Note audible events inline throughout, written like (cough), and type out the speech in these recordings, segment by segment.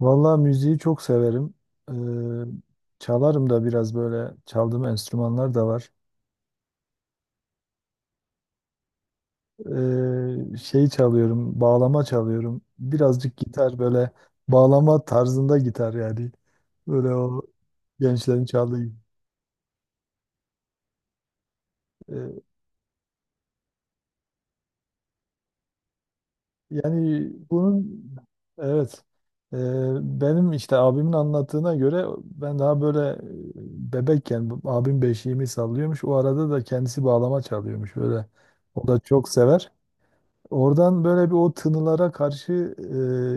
Vallahi müziği çok severim. Çalarım da biraz böyle çaldığım enstrümanlar da var. Şey çalıyorum, bağlama çalıyorum. Birazcık gitar böyle bağlama tarzında gitar yani. Böyle o gençlerin çaldığı gibi. Ee, Yani bunun evet. Ee, Benim işte abimin anlattığına göre ben daha böyle bebekken abim beşiğimi sallıyormuş. O arada da kendisi bağlama çalıyormuş böyle. O da çok sever. Oradan böyle bir o tınılara karşı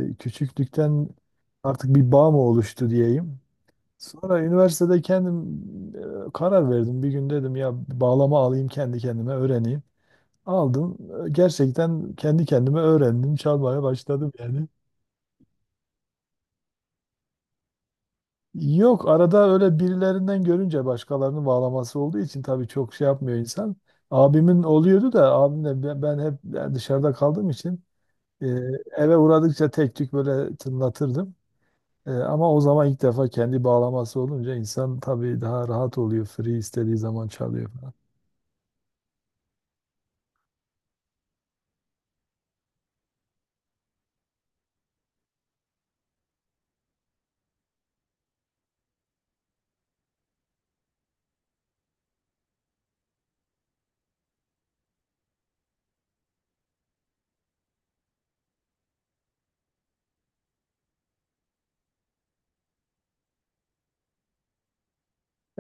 küçüklükten artık bir bağ mı oluştu diyeyim. Sonra üniversitede kendim karar verdim. Bir gün dedim ya bağlama alayım kendi kendime öğreneyim. Aldım. Gerçekten kendi kendime öğrendim. Çalmaya başladım yani. Yok arada öyle birilerinden görünce başkalarının bağlaması olduğu için tabii çok şey yapmıyor insan. Abimin oluyordu da abimle ben hep dışarıda kaldığım için e, eve uğradıkça tek tük böyle tınlatırdım. E, ama o zaman ilk defa kendi bağlaması olunca insan tabii daha rahat oluyor. Free istediği zaman çalıyor falan.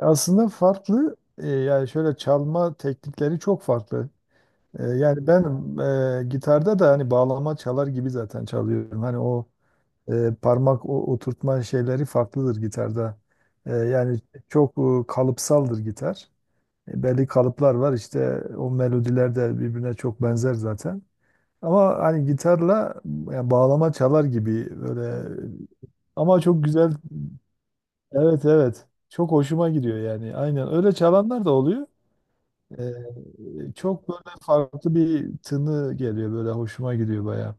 Aslında farklı yani şöyle çalma teknikleri çok farklı. Yani ben gitarda da hani bağlama çalar gibi zaten çalıyorum. Hani o parmak oturtma şeyleri farklıdır gitarda. Yani çok kalıpsaldır gitar. E, belli kalıplar var işte o melodiler de birbirine çok benzer zaten. Ama hani gitarla yani bağlama çalar gibi böyle ama çok güzel. Evet, evet. Çok hoşuma gidiyor yani. Aynen öyle çalanlar da oluyor. Çok böyle farklı bir tını geliyor, böyle hoşuma gidiyor bayağı.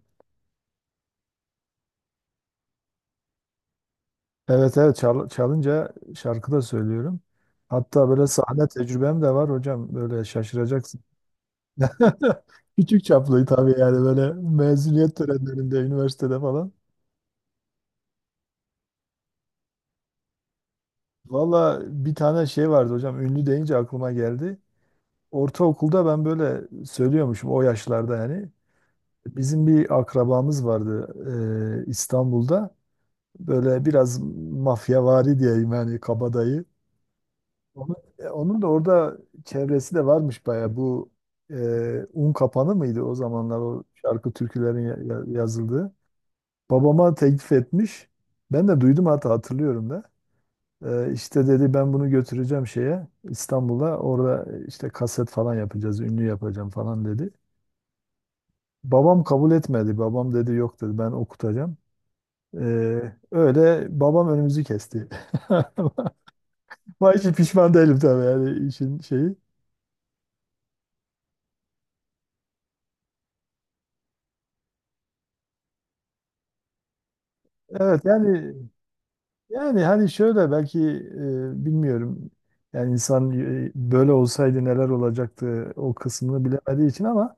Evet, evet, çalınca şarkı da söylüyorum. Hatta böyle sahne tecrübem de var hocam. Böyle şaşıracaksın. (laughs) Küçük çaplı tabii, yani böyle mezuniyet törenlerinde üniversitede falan. Valla bir tane şey vardı hocam, ünlü deyince aklıma geldi. Ortaokulda ben böyle söylüyormuşum o yaşlarda yani. Bizim bir akrabamız vardı İstanbul'da. Böyle biraz mafyavari diyeyim, yani kabadayı. Onun da orada çevresi de varmış baya. Bu un kapanı mıydı o zamanlar o şarkı türkülerin yazıldığı. Babama teklif etmiş. Ben de duydum, hatta hatırlıyorum da. E, işte dedi, ben bunu götüreceğim şeye, İstanbul'a. Orada işte kaset falan yapacağız, ünlü yapacağım falan dedi. Babam kabul etmedi. Babam dedi yok dedi, ben okutacağım. E, Öyle babam önümüzü kesti. (laughs) Ama hiç pişman değilim tabii, yani işin şeyi. Evet yani, yani hani şöyle belki bilmiyorum. Yani insan böyle olsaydı neler olacaktı o kısmını bilemediği için, ama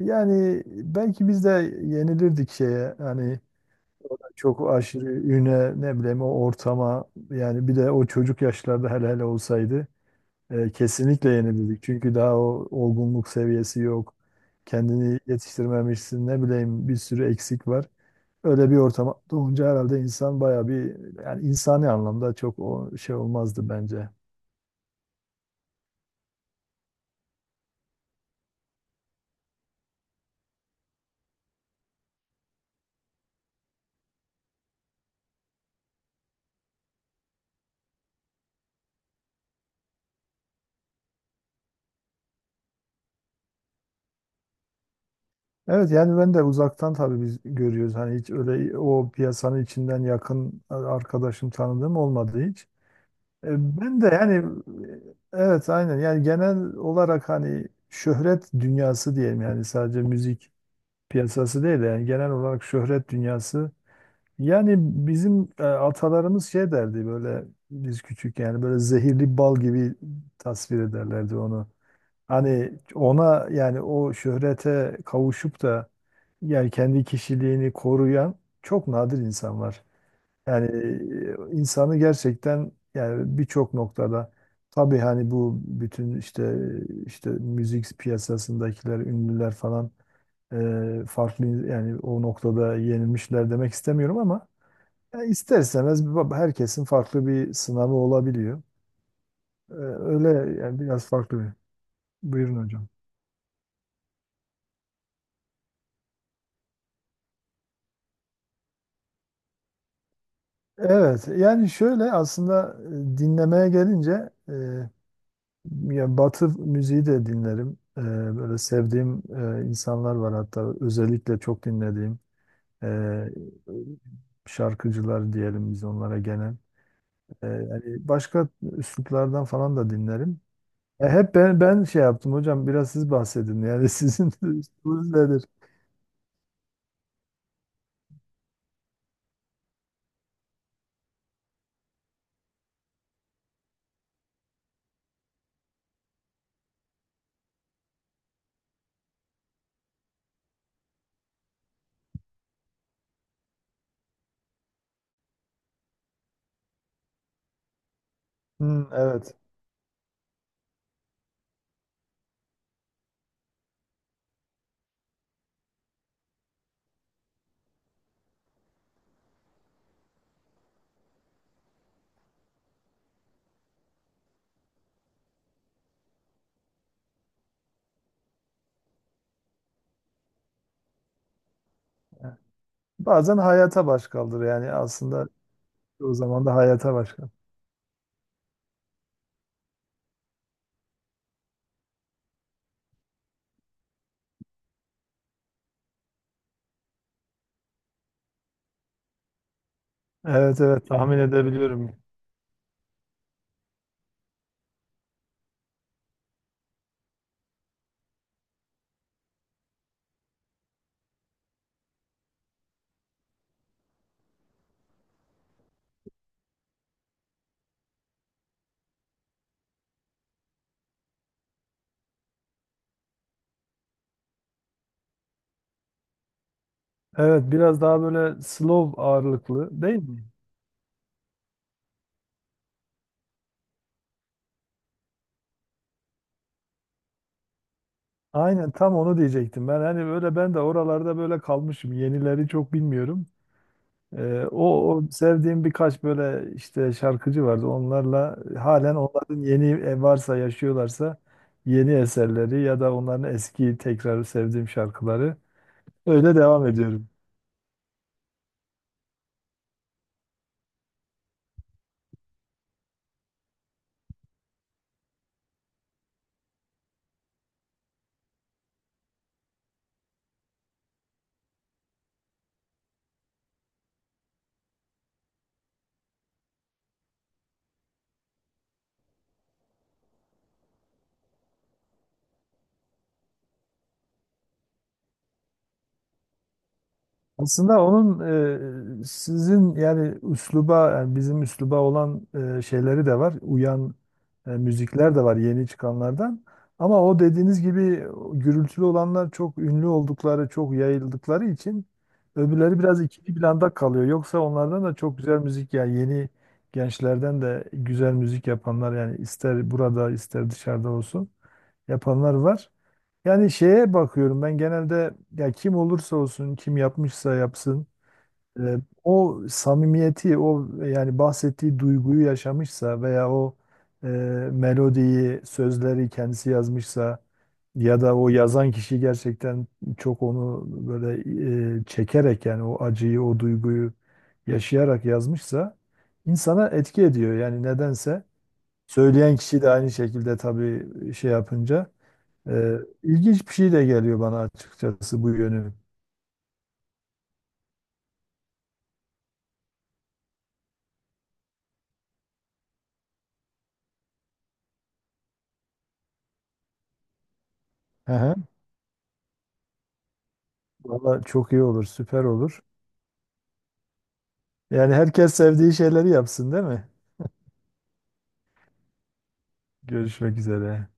yani belki biz de yenilirdik şeye, hani çok aşırı üne, ne bileyim o ortama, yani bir de o çocuk yaşlarda hele hele olsaydı kesinlikle yenilirdik. Çünkü daha o olgunluk seviyesi yok. Kendini yetiştirmemişsin, ne bileyim, bir sürü eksik var, öyle bir ortam doğunca herhalde insan bayağı bir, yani insani anlamda çok o şey olmazdı bence. Evet yani ben de uzaktan tabii biz görüyoruz. Hani hiç öyle o piyasanın içinden yakın arkadaşım, tanıdığım olmadı hiç. E, Ben de yani evet aynen, yani genel olarak hani şöhret dünyası diyelim, yani sadece müzik piyasası değil de yani genel olarak şöhret dünyası. Yani bizim atalarımız şey derdi böyle, biz küçük yani, böyle zehirli bal gibi tasvir ederlerdi onu. Hani ona, yani o şöhrete kavuşup da yani kendi kişiliğini koruyan çok nadir insan var. Yani insanı gerçekten yani birçok noktada tabii hani bu bütün işte, işte müzik piyasasındakiler, ünlüler falan farklı, yani o noktada yenilmişler demek istemiyorum ama ya ister istemez bir herkesin farklı bir sınavı olabiliyor. Öyle yani biraz farklı bir. Buyurun hocam. Evet yani şöyle aslında dinlemeye gelince ya Batı müziği de dinlerim. E, böyle sevdiğim insanlar var, hatta özellikle çok dinlediğim e, şarkıcılar diyelim biz onlara gene. E, yani başka üsluplardan falan da dinlerim. E, hep ben şey yaptım hocam, biraz siz bahsedin yani (laughs) sizin üslubunuz nedir? Hmm, evet. Bazen hayata baş kaldır, yani aslında o zaman da hayata baş kaldır. Evet, evet, tahmin edebiliyorum. Evet, biraz daha böyle slow ağırlıklı değil mi? Aynen, tam onu diyecektim. Ben hani böyle ben de oralarda böyle kalmışım. Yenileri çok bilmiyorum. O, o sevdiğim birkaç böyle işte şarkıcı vardı. Onlarla halen, onların yeni varsa, yaşıyorlarsa yeni eserleri ya da onların eski tekrar sevdiğim şarkıları, öyle devam ediyorum. Aslında onun sizin yani üsluba, yani bizim üsluba olan şeyleri de var. Uyan müzikler de var yeni çıkanlardan. Ama o dediğiniz gibi o gürültülü olanlar çok ünlü oldukları, çok yayıldıkları için öbürleri biraz ikinci planda kalıyor. Yoksa onlardan da çok güzel müzik, yani yeni gençlerden de güzel müzik yapanlar, yani ister burada ister dışarıda olsun, yapanlar var. Yani şeye bakıyorum ben genelde, ya kim olursa olsun, kim yapmışsa yapsın e, o samimiyeti, o yani bahsettiği duyguyu yaşamışsa veya o e, melodiyi, sözleri kendisi yazmışsa, ya da o yazan kişi gerçekten çok onu böyle çekerek, yani o acıyı, o duyguyu yaşayarak yazmışsa insana etki ediyor yani nedense. Söyleyen kişi de aynı şekilde tabii şey yapınca. Ee, ilginç bir şey de geliyor bana açıkçası bu yönü. Hı hı. Valla çok iyi olur, süper olur. Yani herkes sevdiği şeyleri yapsın, değil mi? Görüşmek üzere.